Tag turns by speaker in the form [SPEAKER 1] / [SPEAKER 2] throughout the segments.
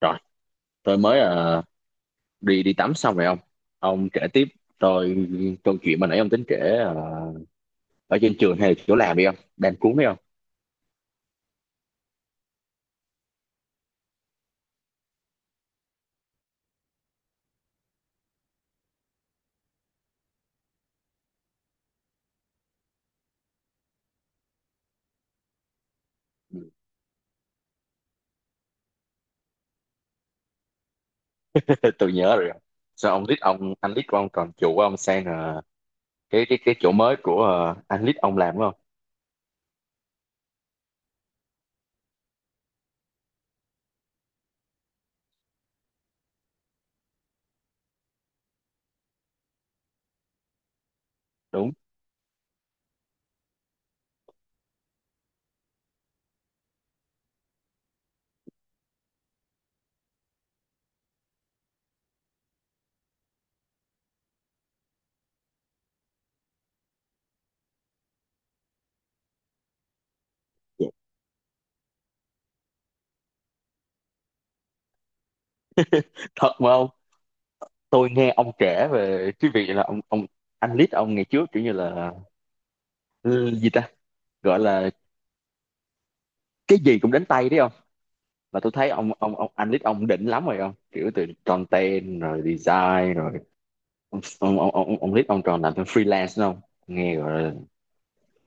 [SPEAKER 1] Rồi, tôi mới đi đi tắm xong rồi ông. Ông kể tiếp tôi câu chuyện mà nãy ông tính kể, ở trên trường hay là chỗ làm đi không? Đang cuốn đi không? Ừ. Tôi nhớ rồi. Sao ông anh lít của ông còn chủ của ông sang, cái chỗ mới của anh lít ông làm đúng không? Đúng. Thật mà ông, tôi nghe ông kể về cái việc là ông anh lít ông ngày trước kiểu như là, ừ, gì ta? Gọi là cái gì cũng đến tay đấy không? Mà tôi thấy ông anh lít ông đỉnh lắm rồi không? Kiểu từ content rồi design rồi ông Lít ông tròn làm thêm freelance đúng không, nghe gọi là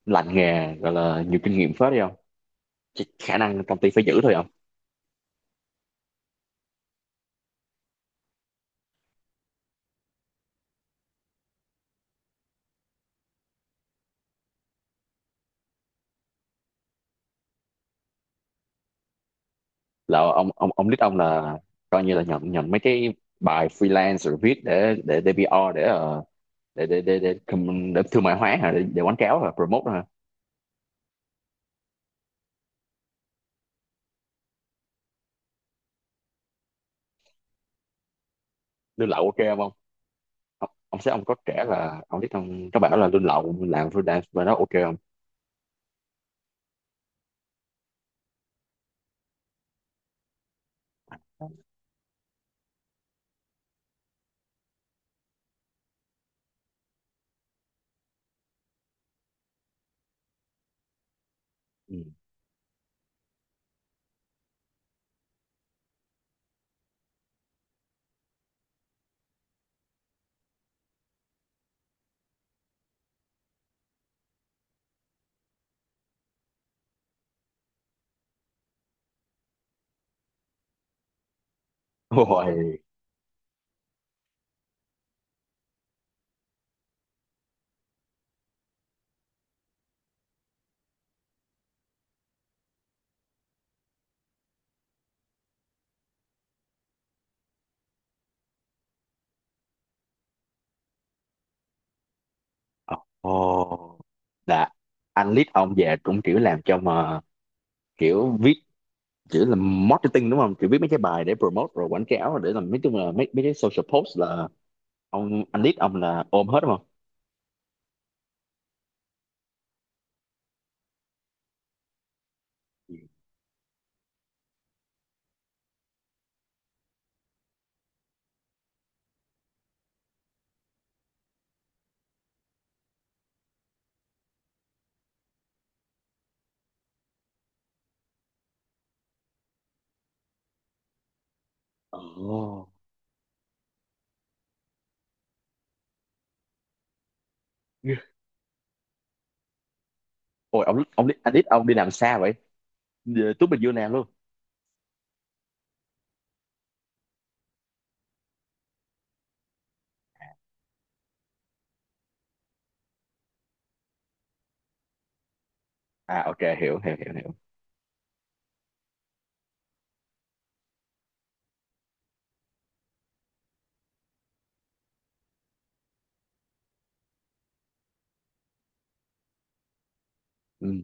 [SPEAKER 1] lành nghề, gọi là nhiều kinh nghiệm phết đi không. Chắc khả năng công ty phải giữ thôi không. Là ông Lít ông là coi như là nhận nhận mấy cái bài freelance rồi viết để PR, để ờ, để, com- để thương mại hóa hả, để quảng cáo hả, promote hả. Lương lậu ok không Ông có kể là ông Lít ông có bảo là lương lậu làm freelance và nó ok không. Ừ. Ôi. Ồ. Là anh lead ông về cũng kiểu làm cho mà, kiểu viết, chỉ là marketing đúng không, chỉ viết mấy cái bài để promote rồi quảng cáo, để làm mấy, chung là mấy mấy cái social post, là ông anh lead ông là ôm hết đúng không. Ồ. Yeah. Ôi, ông anh lead ông đi làm xa vậy. Về Tú Bình Dương làm luôn. À, ok, hiểu hiểu hiểu hiểu. Ừ.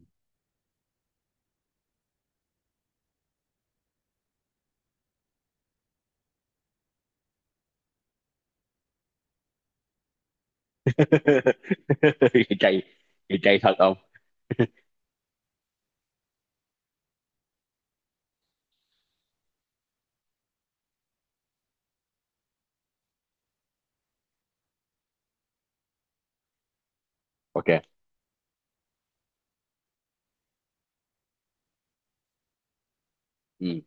[SPEAKER 1] chay chay thật không. Ok. Ừ.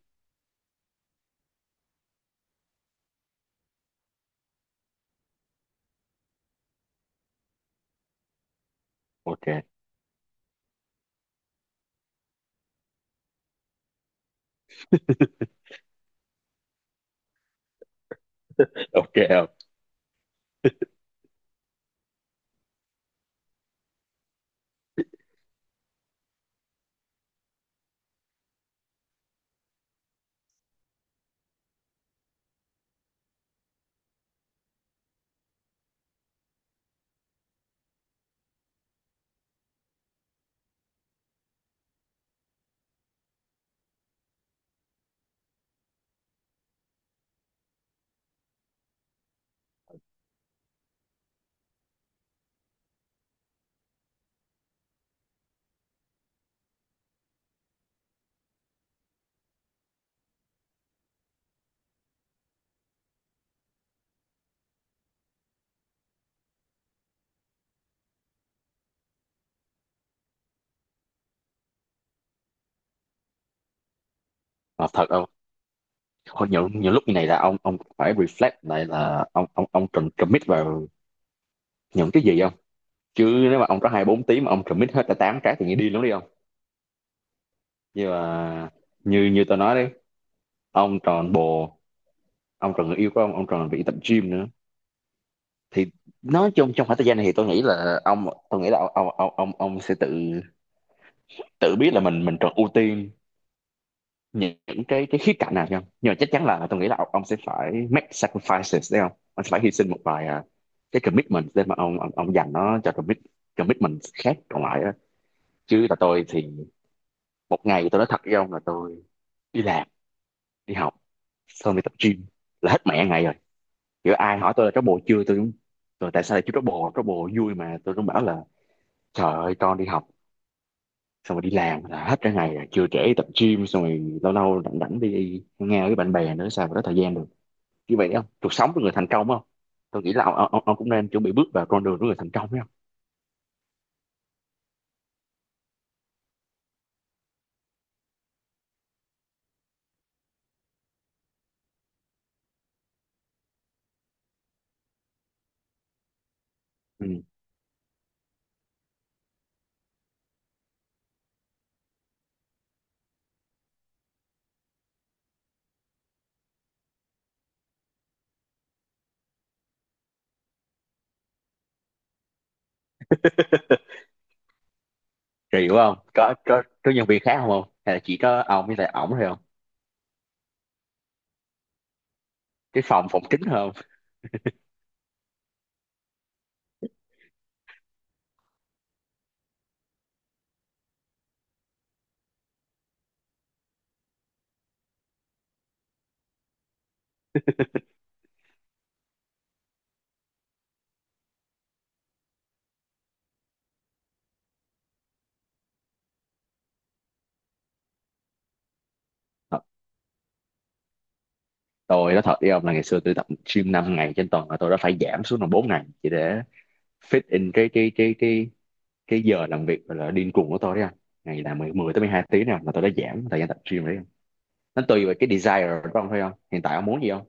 [SPEAKER 1] Ok. Ok không. Mà thật không? Hồi nhiều nhiều lúc như này là ông phải reflect lại là ông cần commit vào những cái gì không. Chứ nếu mà ông có 24 tiếng mà ông commit hết cả tám cái thì nghe điên lắm đi không. Nhưng mà như như tôi nói đấy, ông tròn bồ, ông tròn người yêu của ông tròn bị tập gym nữa. Thì nói chung trong khoảng thời gian này thì tôi nghĩ là ông sẽ tự tự biết là mình cần ưu tiên những cái khía cạnh nào không. Nhưng mà chắc chắn là tôi nghĩ là ông sẽ phải make sacrifices đấy không, ông sẽ phải hy sinh một vài, cái commitment để mà ông dành nó cho commitment khác còn lại á. Chứ là tôi thì một ngày, tôi nói thật với ông là tôi đi làm, đi học, xong đi tập gym là hết mẹ ngày rồi. Kiểu ai hỏi tôi là trót bồ chưa, tôi cũng rồi, tại sao lại chưa trót bồ, trót bồ vui mà, tôi cũng bảo là trời ơi, con đi học xong rồi đi làm là hết cả ngày rồi chưa, trễ đi tập gym xong rồi lâu lâu rảnh rảnh đi nghe với bạn bè nữa, sao mà có thời gian được. Như vậy không, cuộc sống của người thành công không. Tôi nghĩ là ông cũng nên chuẩn bị bước vào con đường của người thành công đấy không. Ừ. Rồi hiểu không? Có nhân viên khác không không, hay là chỉ có ông với lại ổng thôi không? Cái phòng phòng chính thôi không? Thật, tôi nói thật đi ông, là ngày xưa tôi tập gym 5 ngày trên tuần là tôi đã phải giảm xuống còn 4 ngày chỉ để fit in cái giờ làm việc là điên cuồng của tôi đấy anh. Ngày làm mười 10-12 tiếng nào mà tôi đã giảm thời gian tập gym rồi đấy anh. Nó tùy vào cái desire của ông thôi không, hiện tại ông muốn gì không?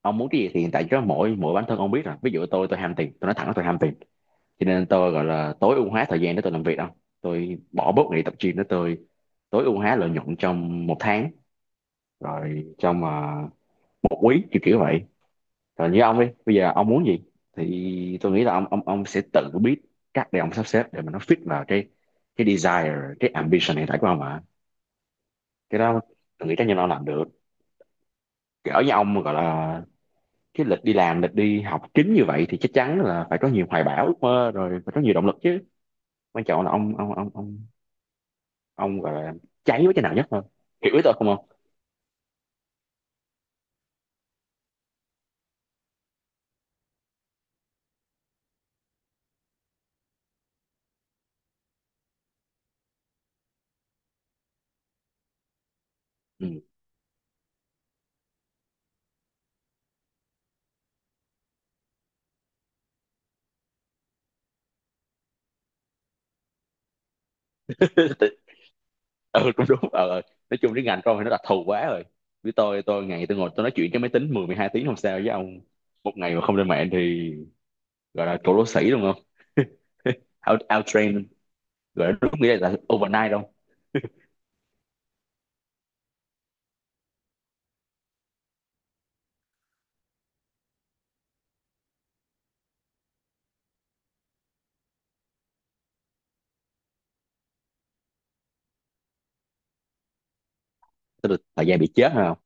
[SPEAKER 1] Ông muốn cái gì thì hiện tại chỉ mỗi mỗi bản thân ông biết rồi. Ví dụ tôi ham tiền, tôi nói thẳng là tôi ham tiền, cho nên tôi gọi là tối ưu hóa thời gian để tôi làm việc đâu, tôi bỏ bớt ngày tập gym để tôi tối ưu hóa lợi nhuận trong một tháng, rồi trong, một quý kiểu kiểu vậy. Rồi như ông đi, bây giờ ông muốn gì thì tôi nghĩ là ông sẽ tự biết cách để ông sắp xếp để mà nó fit vào cái desire, cái ambition hiện tại của ông mà. Cái đó tôi nghĩ chắc chắn là ông làm được. Cỡ như ông gọi là cái lịch đi làm, lịch đi học kín như vậy thì chắc chắn là phải có nhiều hoài bão, ước mơ rồi, phải có nhiều động lực chứ. Quan trọng là ông gọi là cháy với cái nào nhất thôi. Hiểu ý tôi không không? Ừ. Ừ, cũng đúng. Ờ. Nói chung cái ngành tôi thì nó đặc thù quá rồi, với tôi ngày tôi ngồi tôi nói chuyện cái máy tính mười 12 tiếng không sao. Với ông một ngày mà không lên mạng thì gọi là cổ lỗ sĩ đúng không, out out train, gọi là đúng nghĩa là overnight đâu. Tức là thời gian bị chết hả không?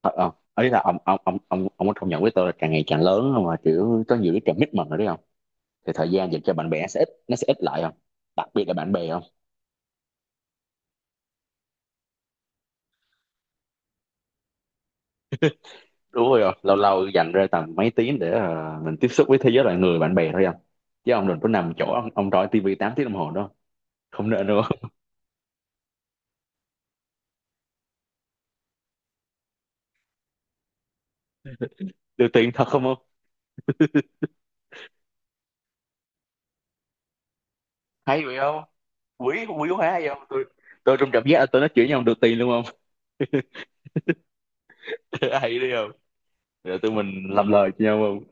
[SPEAKER 1] Ờ. Ấy là ông có công nhận với tôi là càng ngày càng lớn không, mà kiểu có nhiều cái commitment rồi đấy không. Thì thời gian dành cho bạn bè sẽ ít, nó sẽ ít lại không. Đặc biệt là bạn bè không. Đúng rồi ạ. Lâu lâu dành ra tầm mấy tiếng để mình tiếp xúc với thế giới loài người bạn bè thôi anh. Chứ ông đừng có nằm chỗ ông trói tivi 8 tiếng đồng hồ đó. Không nên đâu. được tiền thật không không. Hay vậy không. Quý quý quá hay không, tôi trong cảm giác là tôi nói chuyện với ông được tiền luôn không. Hay đi không. Rồi tụi mình làm lời cho nhau không.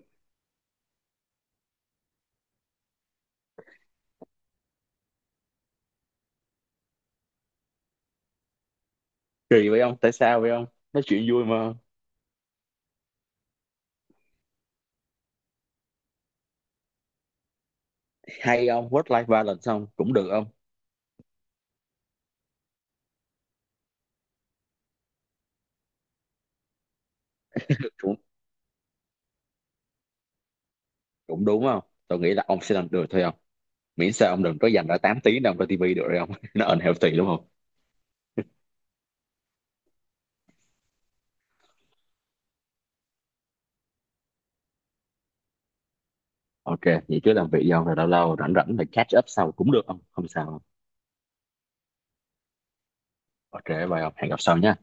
[SPEAKER 1] Kỳ vậy không, tại sao vậy không? Nói chuyện vui mà. Hay không, work life balance không cũng được không. Cũng, cũng đúng không. Tôi nghĩ là ông sẽ làm được thôi không, miễn sao ông đừng có dành ra 8 tiếng đâu cho tivi được rồi không. Nó unhealthy đúng không. Ok, vậy chứ làm việc gì không? Rồi lâu lâu rảnh rảnh thì catch up sau cũng được không? Không sao. Ok, bye ông, hẹn gặp sau nhé.